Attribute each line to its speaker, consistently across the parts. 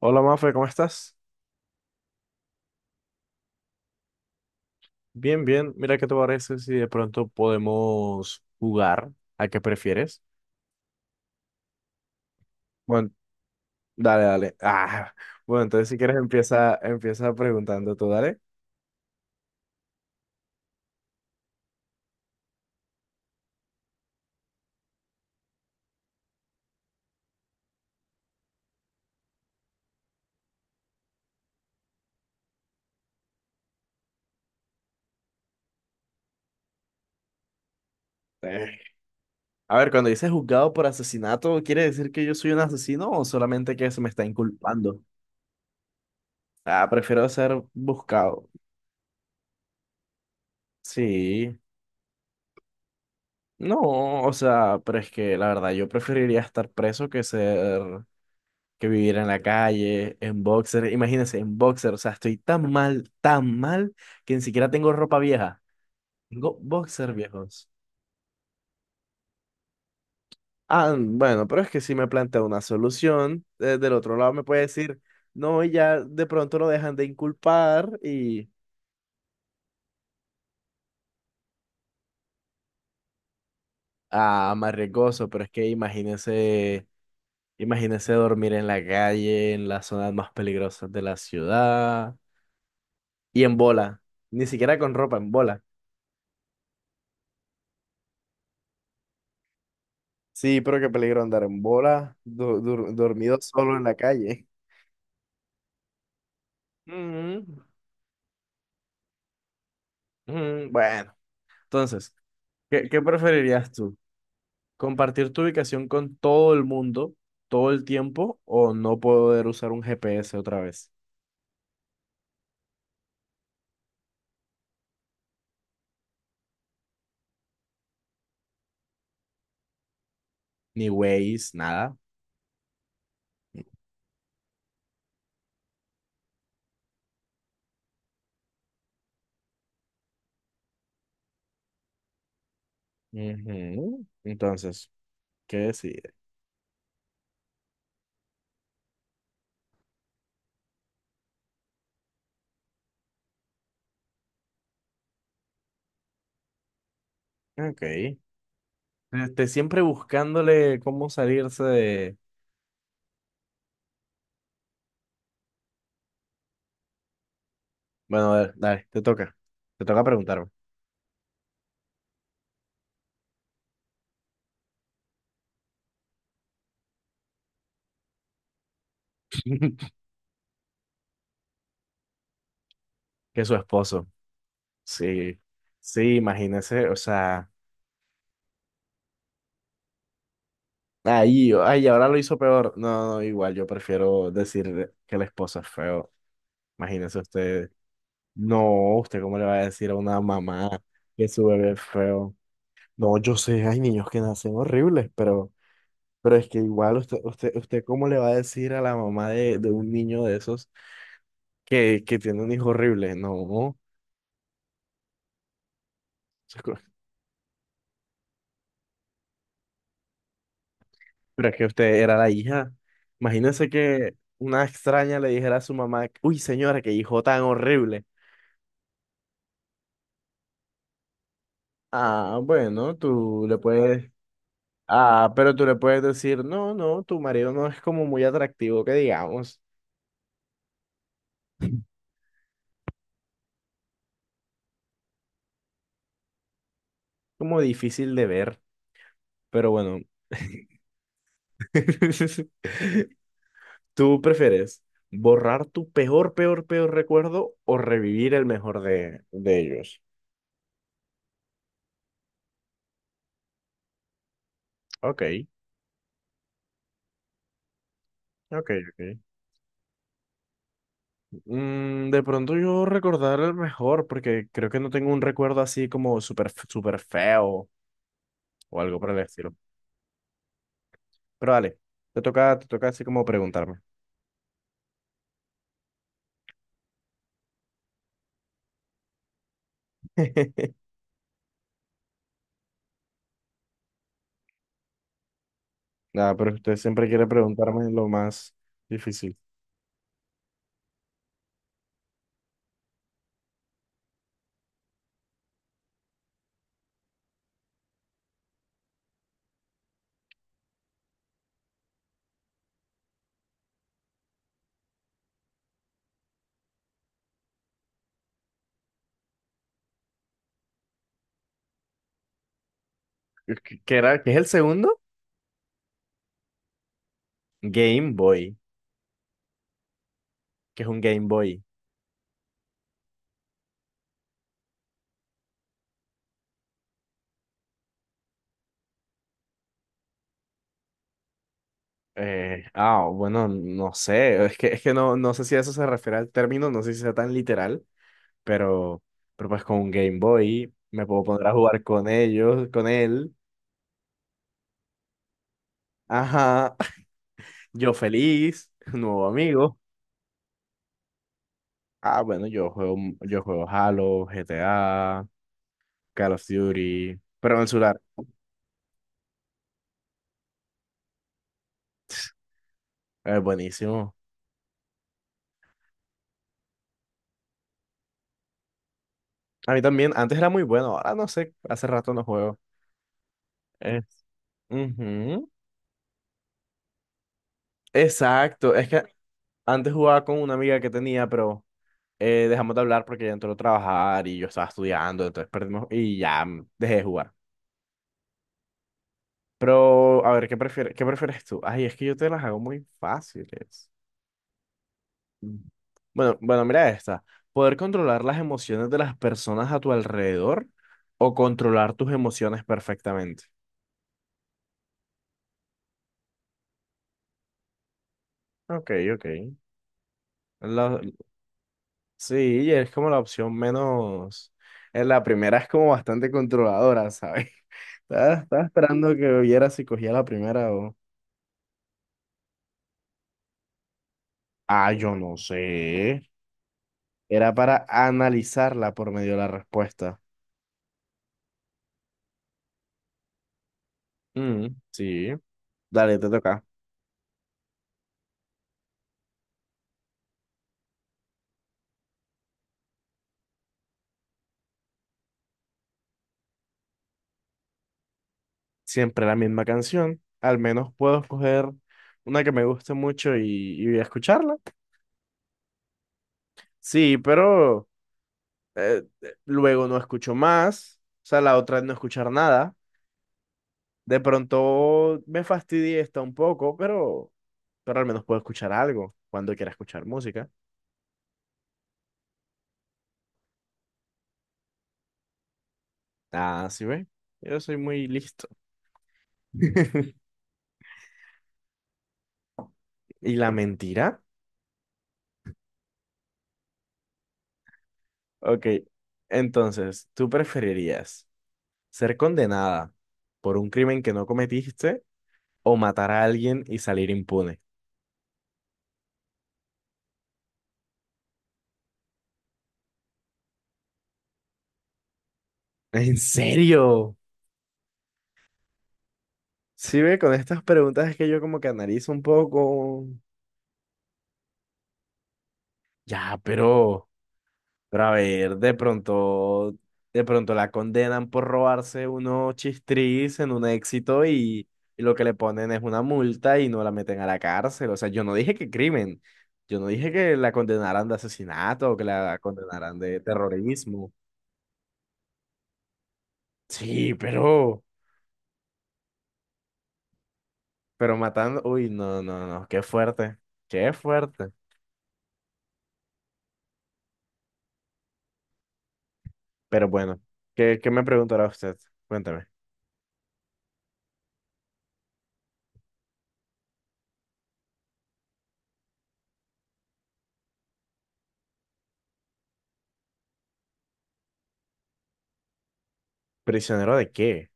Speaker 1: Hola Mafe, ¿cómo estás? Bien, bien. Mira, ¿qué te parece si de pronto podemos jugar a qué prefieres? Bueno, dale, dale. Ah, bueno, entonces si quieres empieza preguntando tú, dale. Eh, A ver, cuando dices juzgado por asesinato, ¿quiere decir que yo soy un asesino o solamente que se me está inculpando? Ah, prefiero ser buscado. Sí. No, o sea, pero es que la verdad yo preferiría estar preso que vivir en la calle, en boxer, imagínense, en boxer, o sea, estoy tan mal, que ni siquiera tengo ropa vieja, tengo boxer viejos. Ah, bueno, pero es que si me plantea una solución, del otro lado me puede decir, no, y ya de pronto lo dejan de inculpar y... Ah, más riesgoso, pero es que imagínense, imagínense dormir en la calle, en las zonas más peligrosas de la ciudad, y en bola, ni siquiera con ropa, en bola. Sí, pero qué peligro andar en bola, dormido solo en la calle. Mm, bueno, entonces, ¿qué preferirías tú? ¿Compartir tu ubicación con todo el mundo todo el tiempo o no poder usar un GPS otra vez? Ni Waze, nada. Ujú. Entonces, ¿qué decir? Ok. Este, siempre buscándole cómo salirse de... Bueno, a ver, dale, te toca. Te toca preguntarme. Que es su esposo. Sí, sí, imagínese, o sea, ahí, ay, ahora lo hizo peor. No, no, igual, yo prefiero decir que la esposa es feo. Imagínese usted, no, usted cómo le va a decir a una mamá que su bebé es feo. No, yo sé, hay niños que nacen horribles, pero es que igual usted cómo le va a decir a la mamá de un niño de esos que tiene un hijo horrible. No. Pero es que usted era la hija. Imagínese que una extraña le dijera a su mamá, uy, señora, qué hijo tan horrible. Ah, bueno, tú le puedes. Ah, pero tú le puedes decir, no, no, tu marido no es como muy atractivo, que digamos, como difícil de ver. Pero bueno, ¿tú prefieres borrar tu peor recuerdo o revivir el mejor de ellos? Ok, ok. Mm, de pronto yo recordar el mejor, porque creo que no tengo un recuerdo así como súper feo o algo por el estilo. Pero dale, te toca así como preguntarme. Nada, pero usted siempre quiere preguntarme lo más difícil. ¿Qué era? ¿Qué es el segundo? Game Boy. ¿Qué es un Game Boy? Bueno, no sé. Es que no sé si a eso se refiere al término, no sé si sea tan literal, pero, pero pues con un Game Boy me puedo poner a jugar con ellos, con él. Ajá. Yo feliz, nuevo amigo. Ah, bueno, yo juego Halo, G T A Call of Duty, pero en el celular. Es buenísimo. A mí también, antes era muy bueno, ahora no sé, hace rato no juego. Es- Ujú. Exacto, es que antes jugaba con una amiga que tenía, pero dejamos de hablar porque ella entró a trabajar y yo estaba estudiando, entonces perdimos y ya dejé de jugar. Pero, a ver, ¿qué prefieres tú? Ay, es que yo te las hago muy fáciles. Bueno, mira esta. Poder controlar las emociones de las personas a tu alrededor o controlar tus emociones perfectamente. Ok. La- sí, es como la opción menos. En la primera es como bastante controladora, ¿sabes? Estaba esperando que viera si cogía la primera o. Ah, yo no sé. Era para analizarla por medio de la respuesta. Mm, sí. Dale, te toca. Siempre la misma canción. Al menos puedo escoger una que me guste mucho y escucharla. Sí, pero luego no escucho más. O sea, la otra es no escuchar nada. De pronto me fastidié esta un poco, pero al menos puedo escuchar algo cuando quiera escuchar música. Ah, sí, ve. Yo soy muy listo. ¿Y la mentira? Ok. Entonces, ¿tú preferirías ser condenada por un crimen que no cometiste o matar a alguien y salir impune? ¿En serio? Sí, ve, con estas preguntas es que yo como que analizo un poco. Ya, pero a ver, de pronto la condenan por robarse unos chistris en un éxito y lo que le ponen es una multa y no la meten a la cárcel. O sea, yo no dije que crimen, yo no dije que la condenaran de asesinato o que la condenaran de terrorismo. Sí, pero matando, uy, no, no, no, qué fuerte, qué fuerte. Pero bueno, ¿qué me preguntará usted? Cuéntame. ¿Prisionero de qué?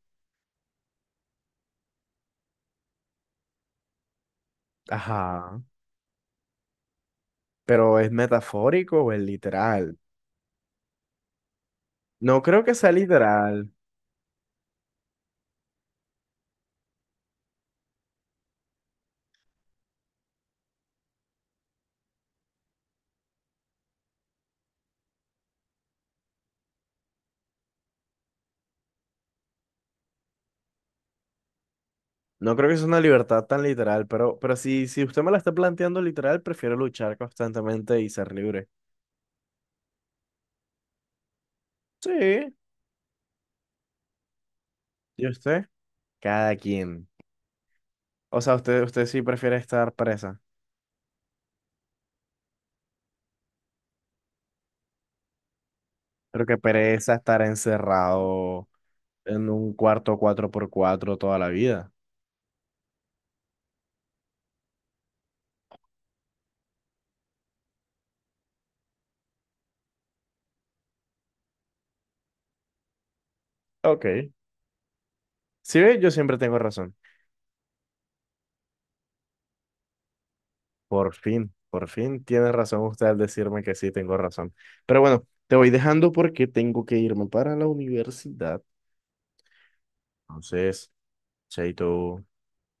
Speaker 1: Ajá. ¿Pero es metafórico o es literal? No creo que sea literal. No creo que sea una libertad tan literal, pero si usted me la está planteando literal, prefiero luchar constantemente y ser libre. Sí. ¿Y usted? Cada quien. O sea, usted sí prefiere estar presa. Pero que pereza estar encerrado en un cuarto cuatro por cuatro toda la vida. Ok. Si ve, yo siempre tengo razón. Por fin tiene razón usted al decirme que sí tengo razón. Pero bueno, te voy dejando porque tengo que irme para la universidad. Entonces, chaito.